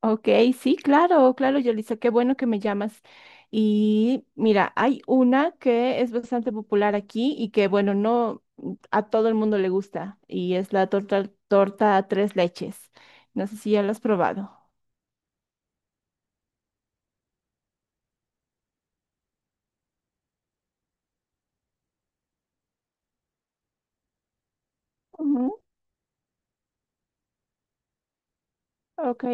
Ok, sí, claro, claro, Yolisa, qué bueno que me llamas. Y mira, hay una que es bastante popular aquí y que, bueno, no a todo el mundo le gusta y es la torta tres leches. No sé si ya la has probado. Ujú. Ok.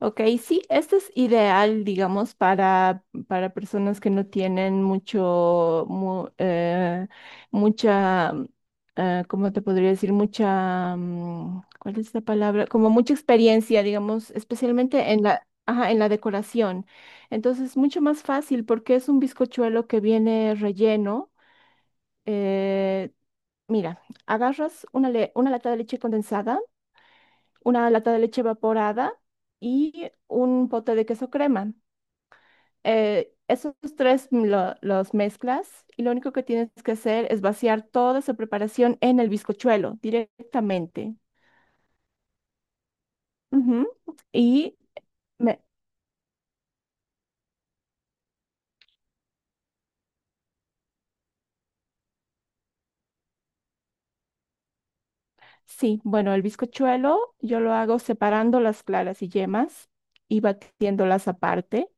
Ok, sí, este es ideal, digamos, para personas que no tienen mucha, ¿cómo te podría decir? Mucha, ¿cuál es la palabra? Como mucha experiencia, digamos, especialmente en la, ajá, en la decoración. Entonces, mucho más fácil porque es un bizcochuelo que viene relleno. eh, Mira, agarras una lata de leche condensada, una lata de leche evaporada y un pote de queso crema. Esos tres los mezclas y lo único que tienes que hacer es vaciar toda esa preparación en el bizcochuelo directamente. Ujú. Y me- sí, bueno, el bizcochuelo yo lo hago separando las claras y yemas y batiéndolas aparte,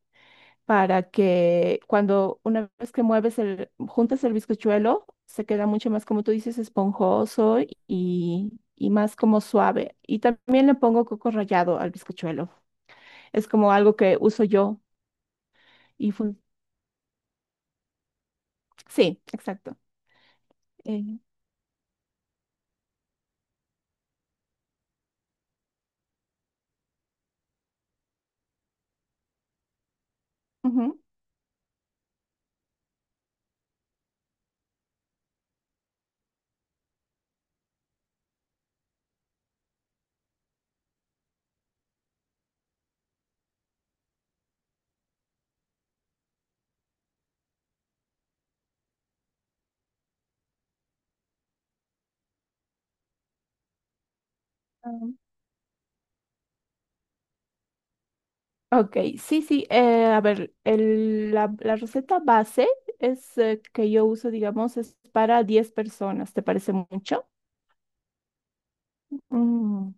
para que cuando una vez que mueves el, juntas el bizcochuelo, se queda mucho más, como tú dices, esponjoso y más como suave. Y también le pongo coco rallado al bizcochuelo. Es como algo que uso yo. y fun- sí, exacto. Eh, Ujú. Ah, ok, sí, sí. A ver, la receta base es, que yo uso, digamos, es para 10 personas. ¿Te parece mucho? Mm,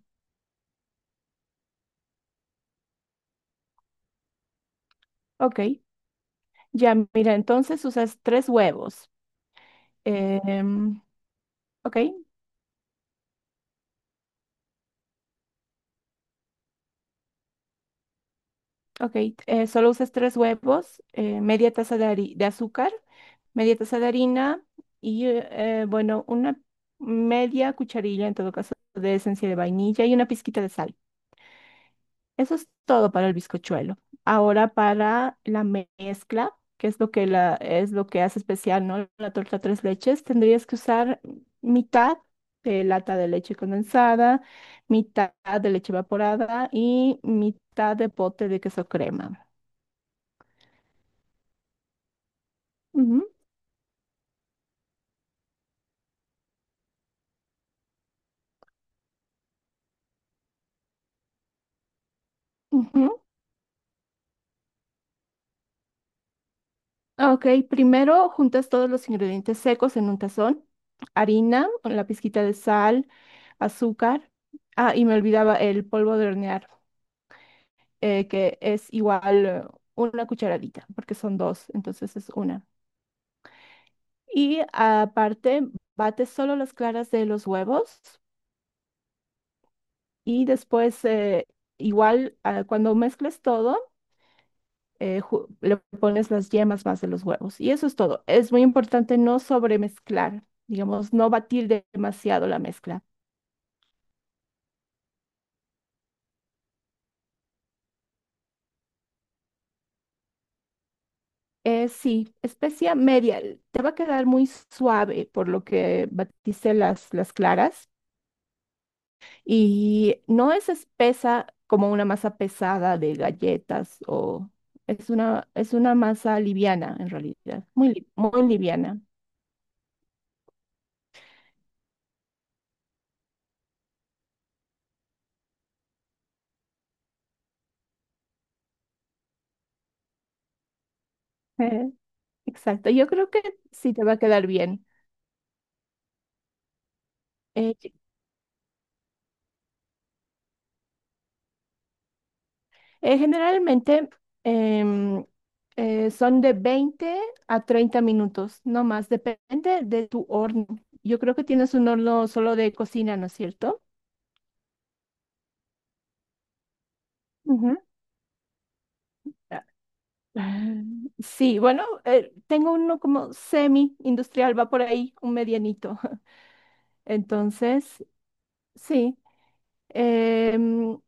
ok. Ya, mira, entonces usas tres huevos. Em, ok, ok. Solo usas tres huevos, media taza de azúcar, media taza de harina y, bueno, una media cucharilla en todo caso de esencia de vainilla y una pizquita de sal. Eso es todo para el bizcochuelo. Ahora para la mezcla, que es lo que hace especial, ¿no? La torta tres leches, tendrías que usar mitad de lata de leche condensada, mitad de leche evaporada y mitad de pote de queso crema. Ujú, ujú. Ok, primero juntas todos los ingredientes secos en un tazón, harina, la pizquita de sal, azúcar. Ah, y me olvidaba el polvo de hornear, que es igual, una cucharadita, porque son dos, entonces es una. Y aparte, bates solo las claras de los huevos y después, igual, ah, cuando mezcles todo, le pones las yemas más de los huevos. Y eso es todo. Es muy importante no sobremezclar, digamos, no batir demasiado la mezcla. Sí, especia media. Te va a quedar muy suave por lo que batiste las claras. Y no es espesa como una masa pesada de galletas, o es una masa liviana en realidad, muy, muy liviana. Eh, exacto, yo creo que sí te va a quedar bien. Eh, Generalmente, em, son de 20 a 30 minutos, no más, depende de tu horno. Yo creo que tienes un horno solo de cocina, ¿no es cierto? Ujú. Ah, sí, bueno, tengo uno como semi-industrial, va por ahí, un medianito. Entonces, sí. em,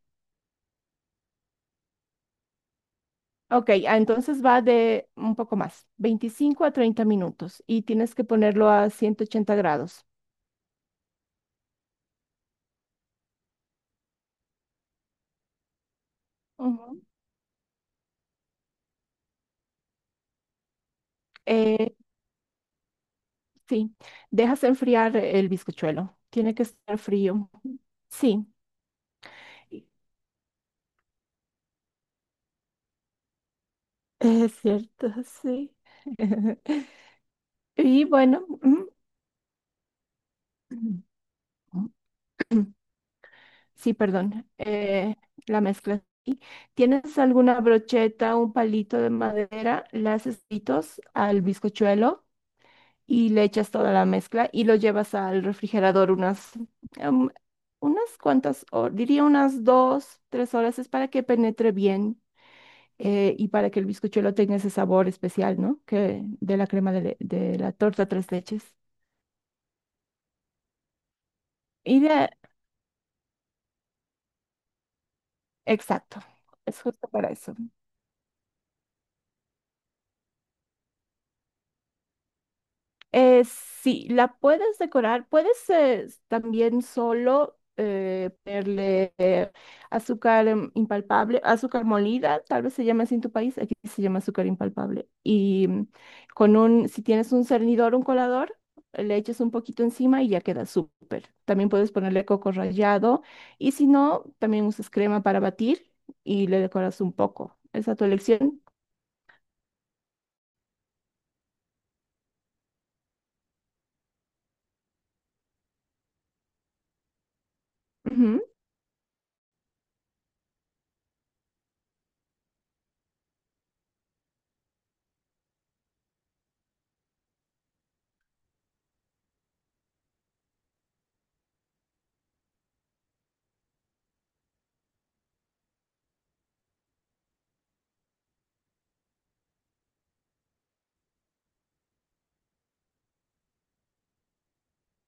ok, ah, entonces va de un poco más, 25 a 30 minutos y tienes que ponerlo a 180 grados. Ujú. Eh, sí, dejas enfriar el bizcochuelo, tiene que estar frío. Sí, es cierto, sí. Y bueno. Ujú. Sí, perdón, la mezcla. ¿Tienes alguna brocheta, un palito de madera? Le haces pitos al bizcochuelo y le echas toda la mezcla y lo llevas al refrigerador em, unas cuantas horas, diría unas 2, 3 horas, es para que penetre bien, y para que el bizcochuelo tenga ese sabor especial, ¿no? Que de la crema de la torta tres leches. Y de, exacto, es justo para eso. Sí, la puedes decorar, puedes, también solo, ponerle, azúcar, impalpable, azúcar molida, tal vez se llama así en tu país, aquí se llama azúcar impalpable. Y si tienes un cernidor, un colador, le echas un poquito encima y ya queda súper. También puedes ponerle coco rallado, y si no, también usas crema para batir y le decoras un poco. Esa es a tu elección.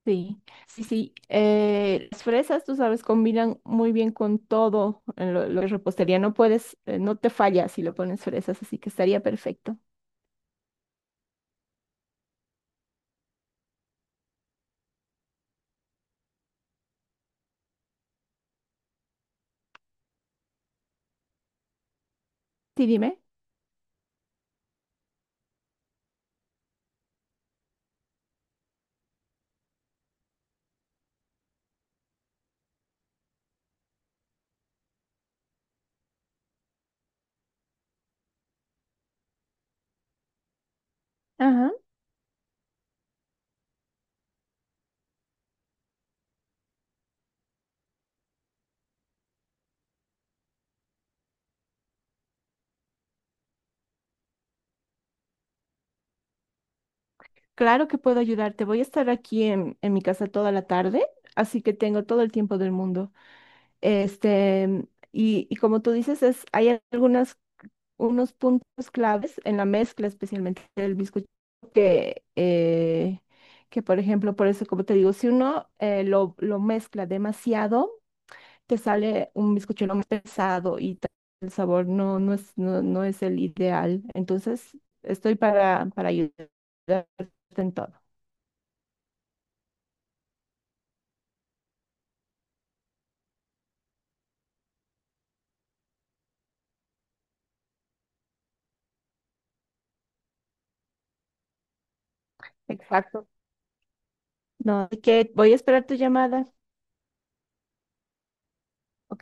Sí, sí, sí. Las fresas, tú sabes, combinan muy bien con todo en lo que es repostería. No puedes, no te falla si le pones fresas, así que estaría perfecto. Sí, dime. Ajá. Claro que puedo ayudarte. Voy a estar aquí en mi casa toda la tarde, así que tengo todo el tiempo del mundo. Este, y como tú dices, es, hay algunas unos puntos claves en la mezcla, especialmente del bizcocho, que, eh, que por ejemplo, por eso, como te digo, si uno, lo mezcla demasiado, te sale un bizcochuelo más pesado y tal, el sabor no, no es, no, no es el ideal. Entonces, estoy para ayudarte en todo. Exacto. No, así que voy a esperar tu llamada. Ok,